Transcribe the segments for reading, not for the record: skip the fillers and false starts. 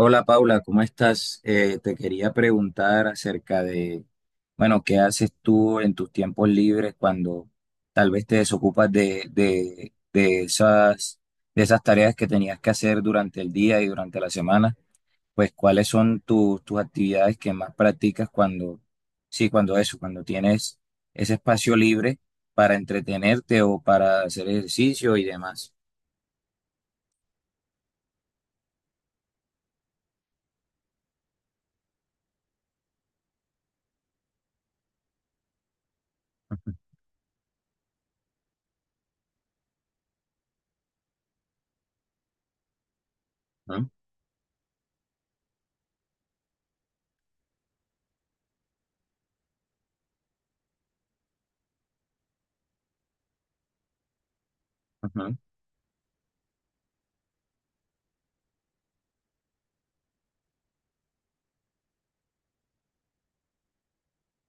Hola Paula, ¿cómo estás? Te quería preguntar acerca de, bueno, ¿qué haces tú en tus tiempos libres cuando tal vez te desocupas de esas, de esas tareas que tenías que hacer durante el día y durante la semana? Pues, ¿cuáles son tus actividades que más practicas cuando, sí, cuando eso, cuando tienes ese espacio libre para entretenerte o para hacer ejercicio y demás? Ujú, ujú.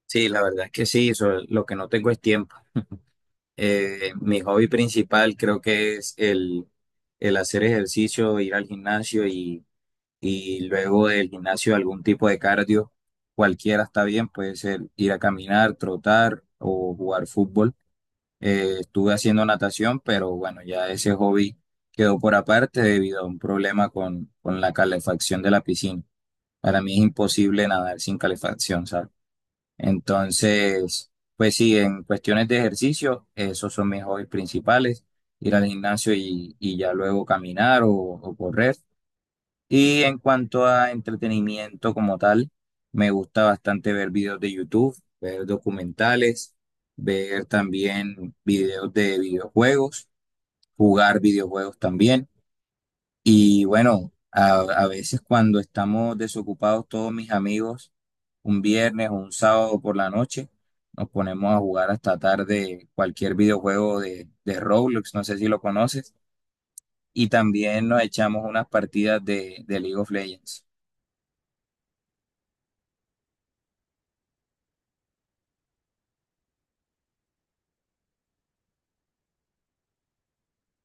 Sí, la verdad es que sí, eso, lo que no tengo es tiempo. Mi hobby principal creo que es el hacer ejercicio, ir al gimnasio y luego del gimnasio algún tipo de cardio, cualquiera está bien, puede ser ir a caminar, trotar o jugar fútbol. Estuve haciendo natación, pero bueno, ya ese hobby quedó por aparte debido a un problema con la calefacción de la piscina. Para mí es imposible nadar sin calefacción, ¿sabes? Entonces, pues sí, en cuestiones de ejercicio, esos son mis hobbies principales, ir al gimnasio y ya luego caminar o correr. Y en cuanto a entretenimiento como tal, me gusta bastante ver videos de YouTube, ver documentales, ver también videos de videojuegos, jugar videojuegos también. Y bueno, a veces cuando estamos desocupados todos mis amigos, un viernes o un sábado por la noche, nos ponemos a jugar hasta tarde cualquier videojuego de Roblox, no sé si lo conoces, y también nos echamos unas partidas de League of Legends.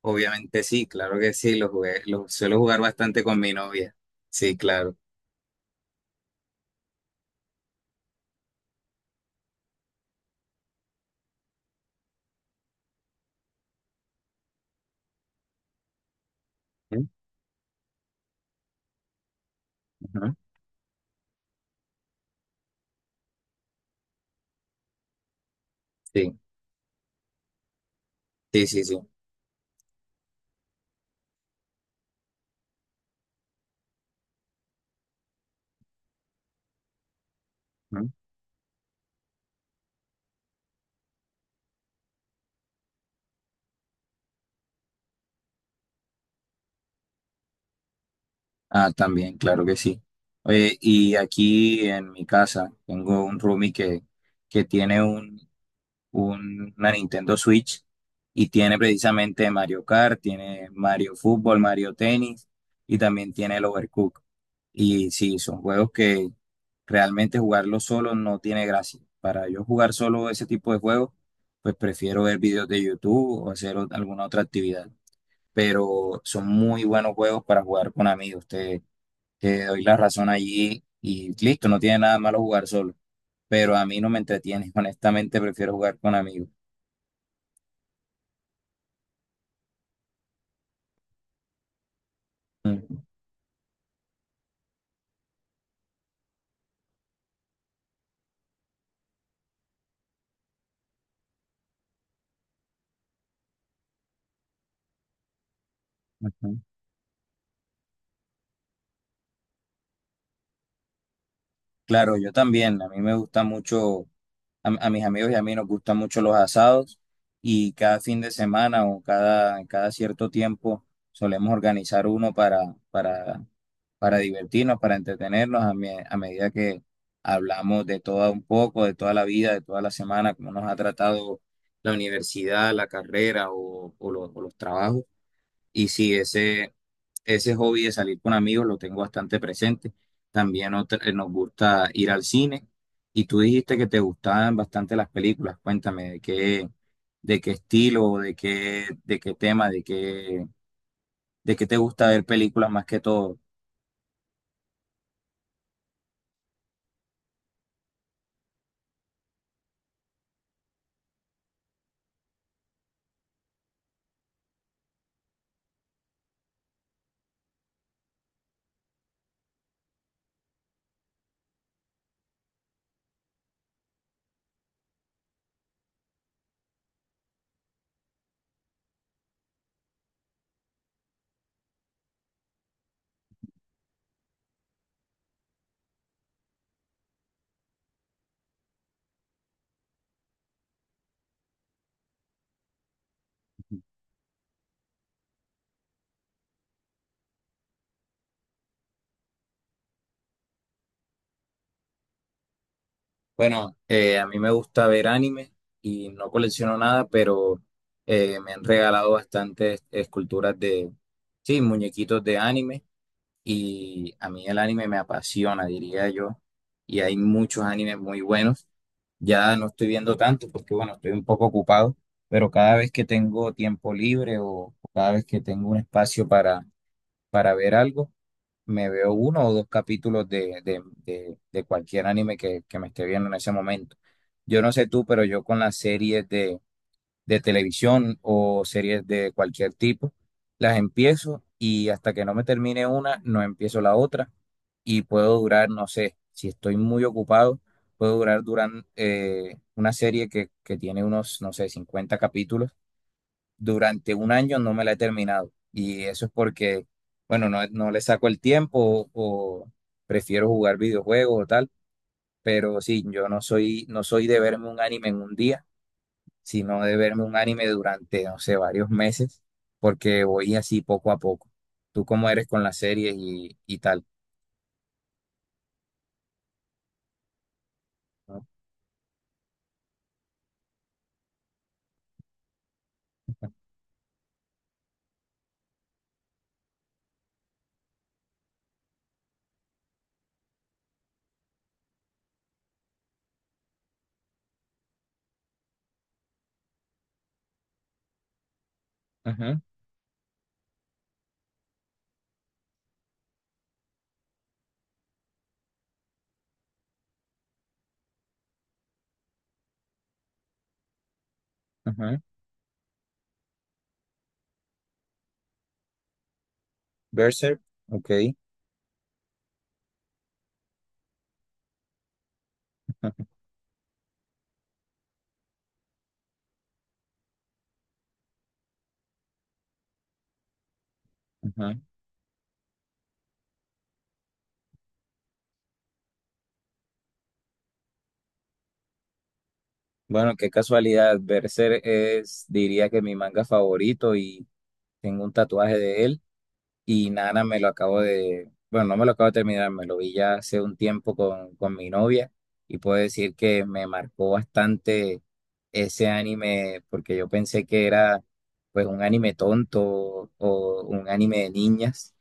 Obviamente sí, claro que sí, lo jugué, lo suelo jugar bastante con mi novia. Sí, claro. Ujú. Sí, sí, sí, sí. Ah, también, claro que sí. Oye, y aquí en mi casa tengo un roomie que tiene una Nintendo Switch y tiene precisamente Mario Kart, tiene Mario Fútbol, Mario Tenis y también tiene el Overcooked. Y sí, son juegos que realmente jugarlos solo no tiene gracia. Para yo jugar solo ese tipo de juegos, pues prefiero ver videos de YouTube o hacer alguna otra actividad. Pero son muy buenos juegos para jugar con amigos. Te doy la razón allí y listo, no tiene nada malo jugar solo, pero a mí no me entretiene, honestamente prefiero jugar con amigos. Mm, ujú. Claro, yo también, a mí me gusta mucho, a mis amigos y a mí nos gustan mucho los asados y cada fin de semana o cada cierto tiempo solemos organizar uno para divertirnos, para entretenernos a medida que hablamos de todo un poco, de toda la vida, de toda la semana, cómo nos ha tratado la universidad, la carrera o o los trabajos. Y sí, ese hobby de salir con amigos lo tengo bastante presente. También nos gusta ir al cine. Y tú dijiste que te gustaban bastante las películas. Cuéntame de qué estilo, de qué tema, de qué te gusta ver películas más que todo. Bueno, a mí me gusta ver anime y no colecciono nada, pero me han regalado bastantes esculturas de, sí, muñequitos de anime y a mí el anime me apasiona, diría yo, y hay muchos animes muy buenos. Ya no estoy viendo tanto porque, bueno, estoy un poco ocupado, pero cada vez que tengo tiempo libre o cada vez que tengo un espacio para ver algo, me veo uno o dos capítulos de cualquier anime que me esté viendo en ese momento. Yo no sé tú, pero yo con las series de televisión o series de cualquier tipo, las empiezo y hasta que no me termine una, no empiezo la otra y puedo durar, no sé, si estoy muy ocupado, puedo durar durante una serie que tiene unos, no sé, 50 capítulos durante un año no me la he terminado. Y eso es porque, bueno, no, no le saco el tiempo o, prefiero jugar videojuegos o tal. Pero sí, yo no soy, no soy de verme un anime en un día, sino de verme un anime durante, no sé, varios meses, porque voy así poco a poco. Tú cómo eres con las series y tal, ¿no? Ujú, ujú. Berserk, ok. Ujú. Bueno, qué casualidad. Berserk es, diría que mi manga favorito y tengo un tatuaje de él. Y Nana me lo acabo de, bueno, no me lo acabo de terminar, me lo vi ya hace un tiempo con mi novia y puedo decir que me marcó bastante ese anime porque yo pensé que era pues un anime tonto o un anime de niñas.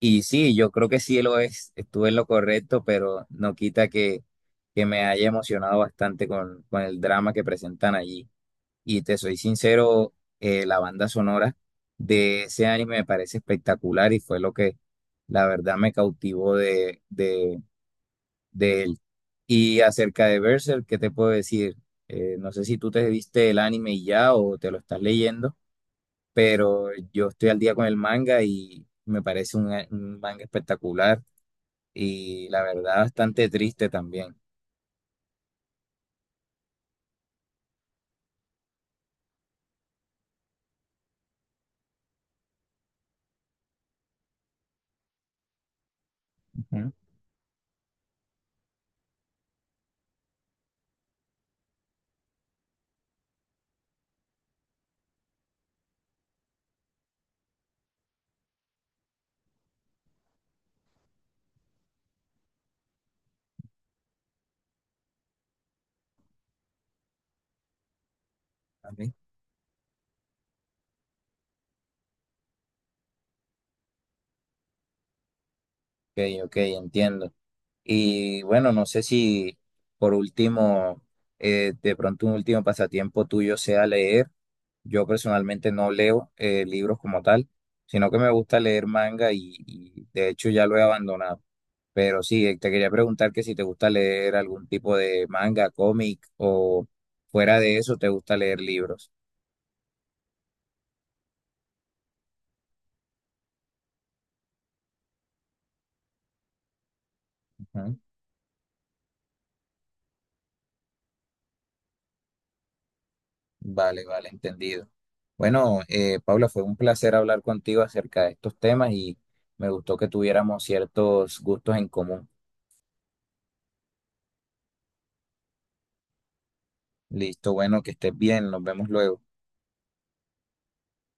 Y sí, yo creo que sí lo es, estuve en lo correcto, pero no quita que me haya emocionado bastante con el drama que presentan allí. Y te soy sincero, la banda sonora de ese anime me parece espectacular y fue lo que la verdad me cautivó de él. Y acerca de Berserk, ¿qué te puedo decir? No sé si tú te viste el anime y ya o te lo estás leyendo, pero yo estoy al día con el manga y me parece un manga espectacular y la verdad bastante triste también. Ujú. Ok, ok, entiendo. Y bueno, no sé si por último, de pronto un último pasatiempo tuyo sea leer. Yo personalmente no leo libros como tal, sino que me gusta leer manga y de hecho ya lo he abandonado. Pero sí, te quería preguntar que si te gusta leer algún tipo de manga, cómic o fuera de eso, te gusta leer libros. Ujú. Vale, vale, entendido. Bueno, Paula, fue un placer hablar contigo acerca de estos temas y me gustó que tuviéramos ciertos gustos en común. Listo, bueno, que estés bien, nos vemos luego.